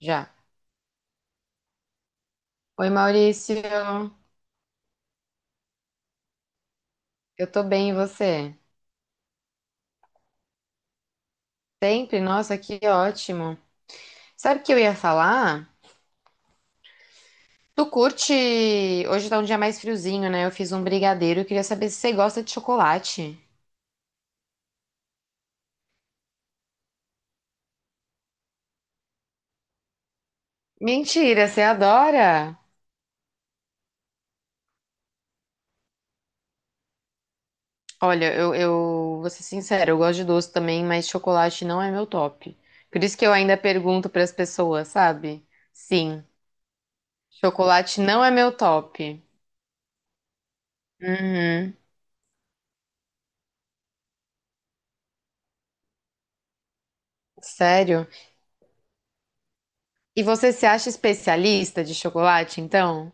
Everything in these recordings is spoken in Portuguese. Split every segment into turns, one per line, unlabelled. Já. Oi, Maurício. Eu tô bem, e você? Sempre? Nossa, que ótimo. Sabe o que eu ia falar? Tu curte. Hoje tá um dia mais friozinho, né? Eu fiz um brigadeiro. Eu queria saber se você gosta de chocolate. Mentira, você adora? Olha, eu vou ser sincera, eu gosto de doce também, mas chocolate não é meu top. Por isso que eu ainda pergunto pras pessoas, sabe? Sim, chocolate não é meu top. Uhum. Sério? E você se acha especialista de chocolate, então?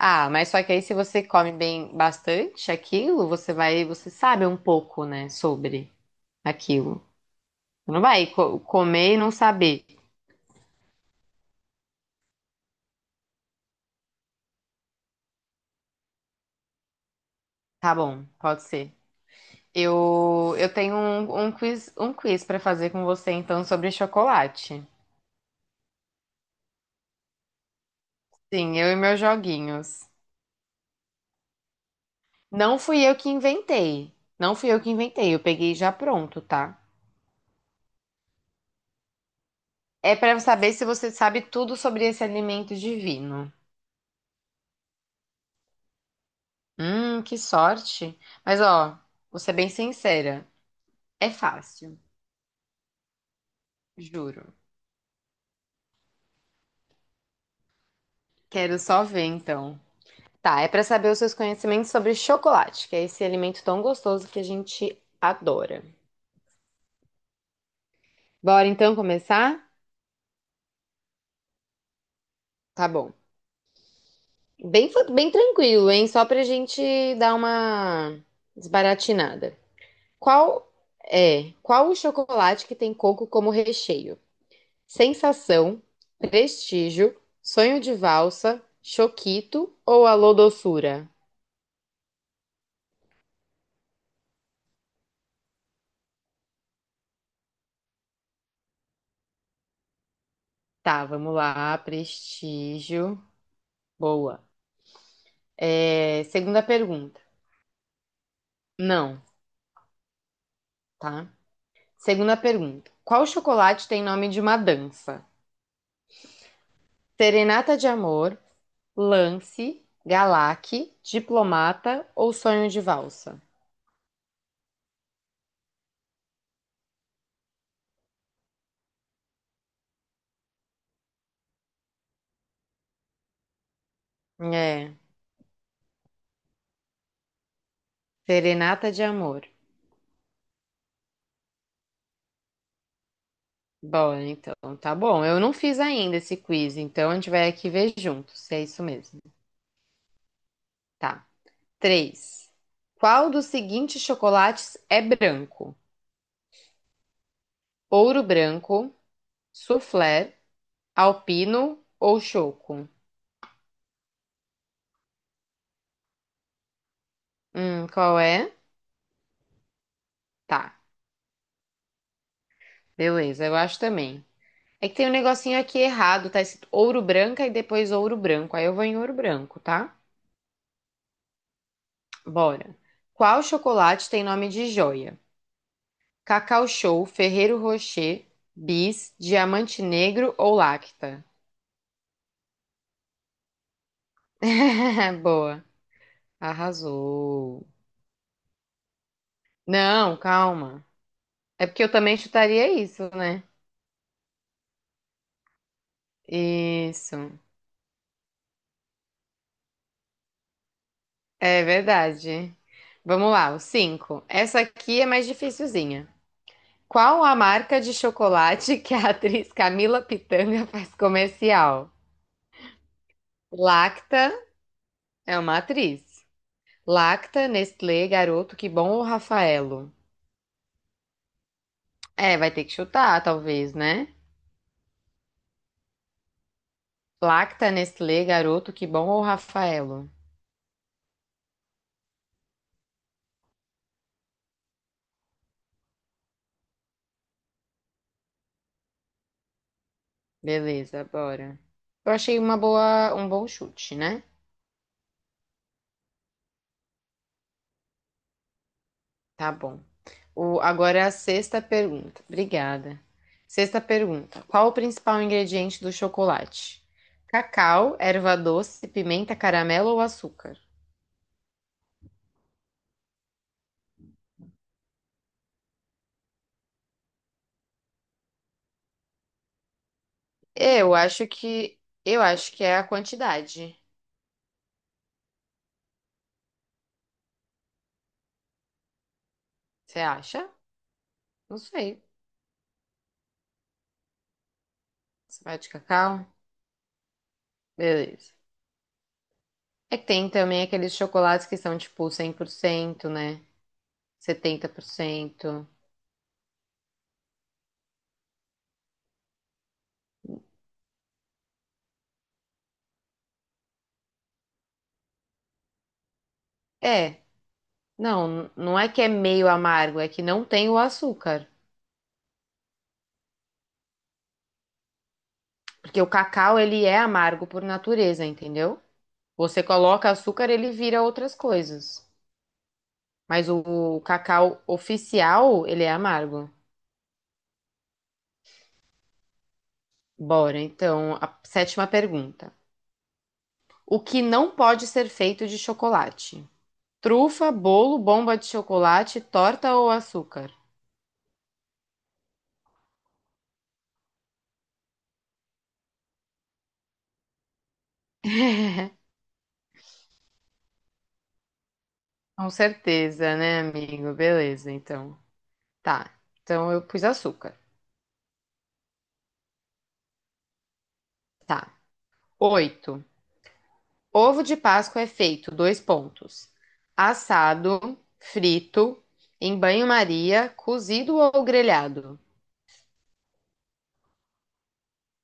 Ah, mas só que aí se você come bem bastante aquilo, você vai, você sabe um pouco, né, sobre aquilo. Você não vai comer e não saber. Tá bom, pode ser. Eu tenho um quiz para fazer com você então sobre chocolate. Sim, eu e meus joguinhos. Não fui eu que inventei. Não fui eu que inventei, eu peguei já pronto, tá? É para saber se você sabe tudo sobre esse alimento divino. Que sorte. Mas ó, vou ser bem sincera. É fácil, juro. Quero só ver então. Tá, é pra saber os seus conhecimentos sobre chocolate, que é esse alimento tão gostoso que a gente adora. Bora então começar? Tá bom. Bem, bem tranquilo, hein? Só pra gente dar uma desbaratinada. Qual é? Qual o chocolate que tem coco como recheio? Sensação, Prestígio, Sonho de Valsa, Choquito ou Alô Doçura? Tá, vamos lá. Prestígio. Boa. É, segunda pergunta. Não, tá? Segunda pergunta. Qual chocolate tem nome de uma dança? Serenata de Amor, Lance, Galac, Diplomata ou Sonho de Valsa? É, Serenata de Amor. Bom, então, tá bom. Eu não fiz ainda esse quiz, então a gente vai aqui ver juntos, se é isso mesmo. Tá. Três. Qual dos seguintes chocolates é branco? Ouro branco, soufflé, alpino ou choco? Qual é? Tá, beleza, eu acho também. É que tem um negocinho aqui errado, tá escrito ouro branca e depois ouro branco. Aí eu vou em ouro branco, tá? Bora. Qual chocolate tem nome de joia? Cacau Show, Ferrero Rocher, Bis, Diamante Negro ou Lacta? Boa, arrasou. Não, calma. É porque eu também chutaria isso, né? Isso, é verdade. Vamos lá, o 5. Essa aqui é mais dificilzinha. Qual a marca de chocolate que a atriz Camila Pitanga faz comercial? Lacta é uma atriz. Lacta, Nestlé, Garoto, Que Bom ou Rafaelo? É, vai ter que chutar, talvez, né? Lacta, Nestlé, Garoto, Que Bom ou Rafaelo? Beleza, bora. Eu achei uma boa, um bom chute, né? Tá bom. O, agora é a sexta pergunta. Obrigada. Sexta pergunta. Qual o principal ingrediente do chocolate? Cacau, erva doce, pimenta, caramelo ou açúcar? Eu acho que eu acho que é a quantidade. Você acha? Não sei. Você vai de cacau? Beleza. É que tem também aqueles chocolates que são tipo 100%, né? 70%. É, não, não é que é meio amargo, é que não tem o açúcar. Porque o cacau, ele é amargo por natureza, entendeu? Você coloca açúcar, ele vira outras coisas. Mas o cacau oficial, ele é amargo. Bora, então, a sétima pergunta. O que não pode ser feito de chocolate? Trufa, bolo, bomba de chocolate, torta ou açúcar? Com certeza, né, amigo? Beleza, então. Tá. Então eu pus açúcar. Tá. Oito. Ovo de Páscoa é feito, dois pontos. Assado, frito, em banho-maria, cozido ou grelhado?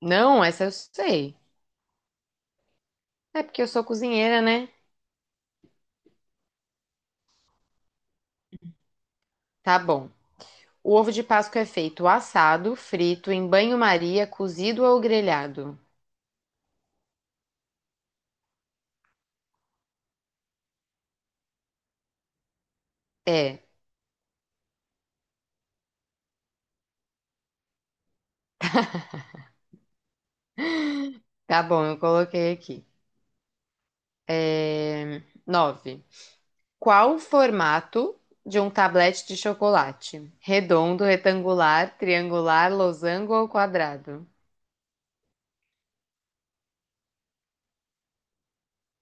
Não, essa eu sei. É porque eu sou cozinheira, né? Tá bom. O ovo de Páscoa é feito assado, frito, em banho-maria, cozido ou grelhado? É. Tá bom, eu coloquei aqui. É, Nove. Qual o formato de um tablete de chocolate? Redondo, retangular, triangular, losango ou quadrado?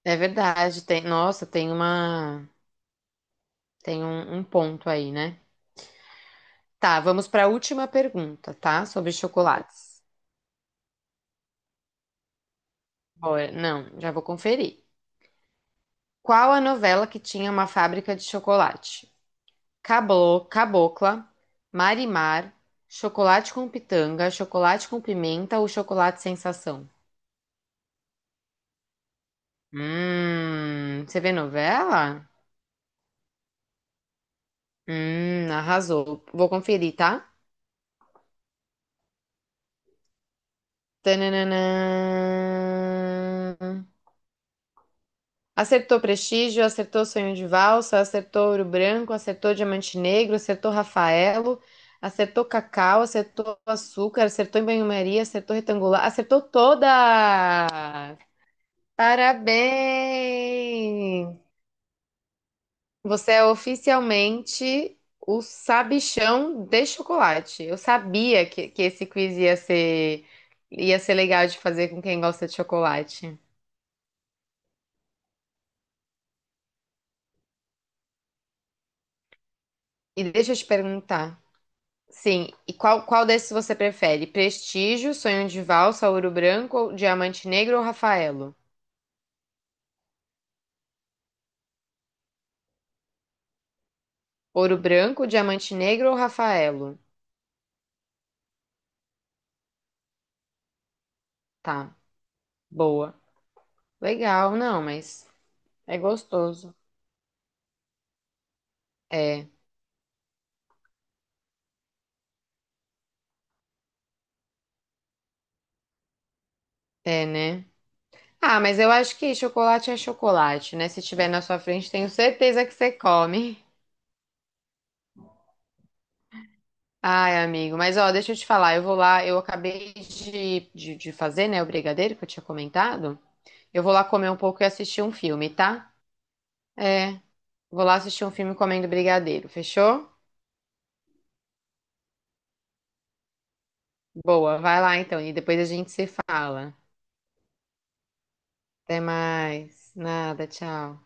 É verdade, tem, nossa, tem um ponto aí, né? Tá, vamos para a última pergunta, tá? Sobre chocolates. Bora, não, já vou conferir. Qual a novela que tinha uma fábrica de chocolate? Cablo, Cabocla, Marimar, Chocolate com Pitanga, Chocolate com Pimenta ou Chocolate Sensação? Você vê novela? Arrasou. Vou conferir, tá? Tananã. Acertou Prestígio, acertou Sonho de Valsa, acertou Ouro Branco, acertou Diamante Negro, acertou Rafaelo, acertou Cacau, acertou Açúcar, acertou em Banho-Maria, acertou Retangular, acertou toda! Parabéns! Você é oficialmente o sabichão de chocolate. Eu sabia que esse quiz ia ser legal de fazer com quem gosta de chocolate. E deixa eu te perguntar. Sim, e qual desses você prefere? Prestígio, Sonho de Valsa, Ouro Branco, ou Diamante Negro ou Rafaelo? Ouro Branco, Diamante Negro ou Rafaelo? Tá, boa. Legal, não, mas é gostoso. É, é, né? Ah, mas eu acho que chocolate é chocolate, né? Se tiver na sua frente, tenho certeza que você come. Ai, amigo, mas ó, deixa eu te falar, eu vou lá, eu acabei de fazer, né, o brigadeiro que eu tinha comentado. Eu vou lá comer um pouco e assistir um filme, tá? É, vou lá assistir um filme comendo brigadeiro, fechou? Boa, vai lá então, e depois a gente se fala. Até mais. Nada, tchau.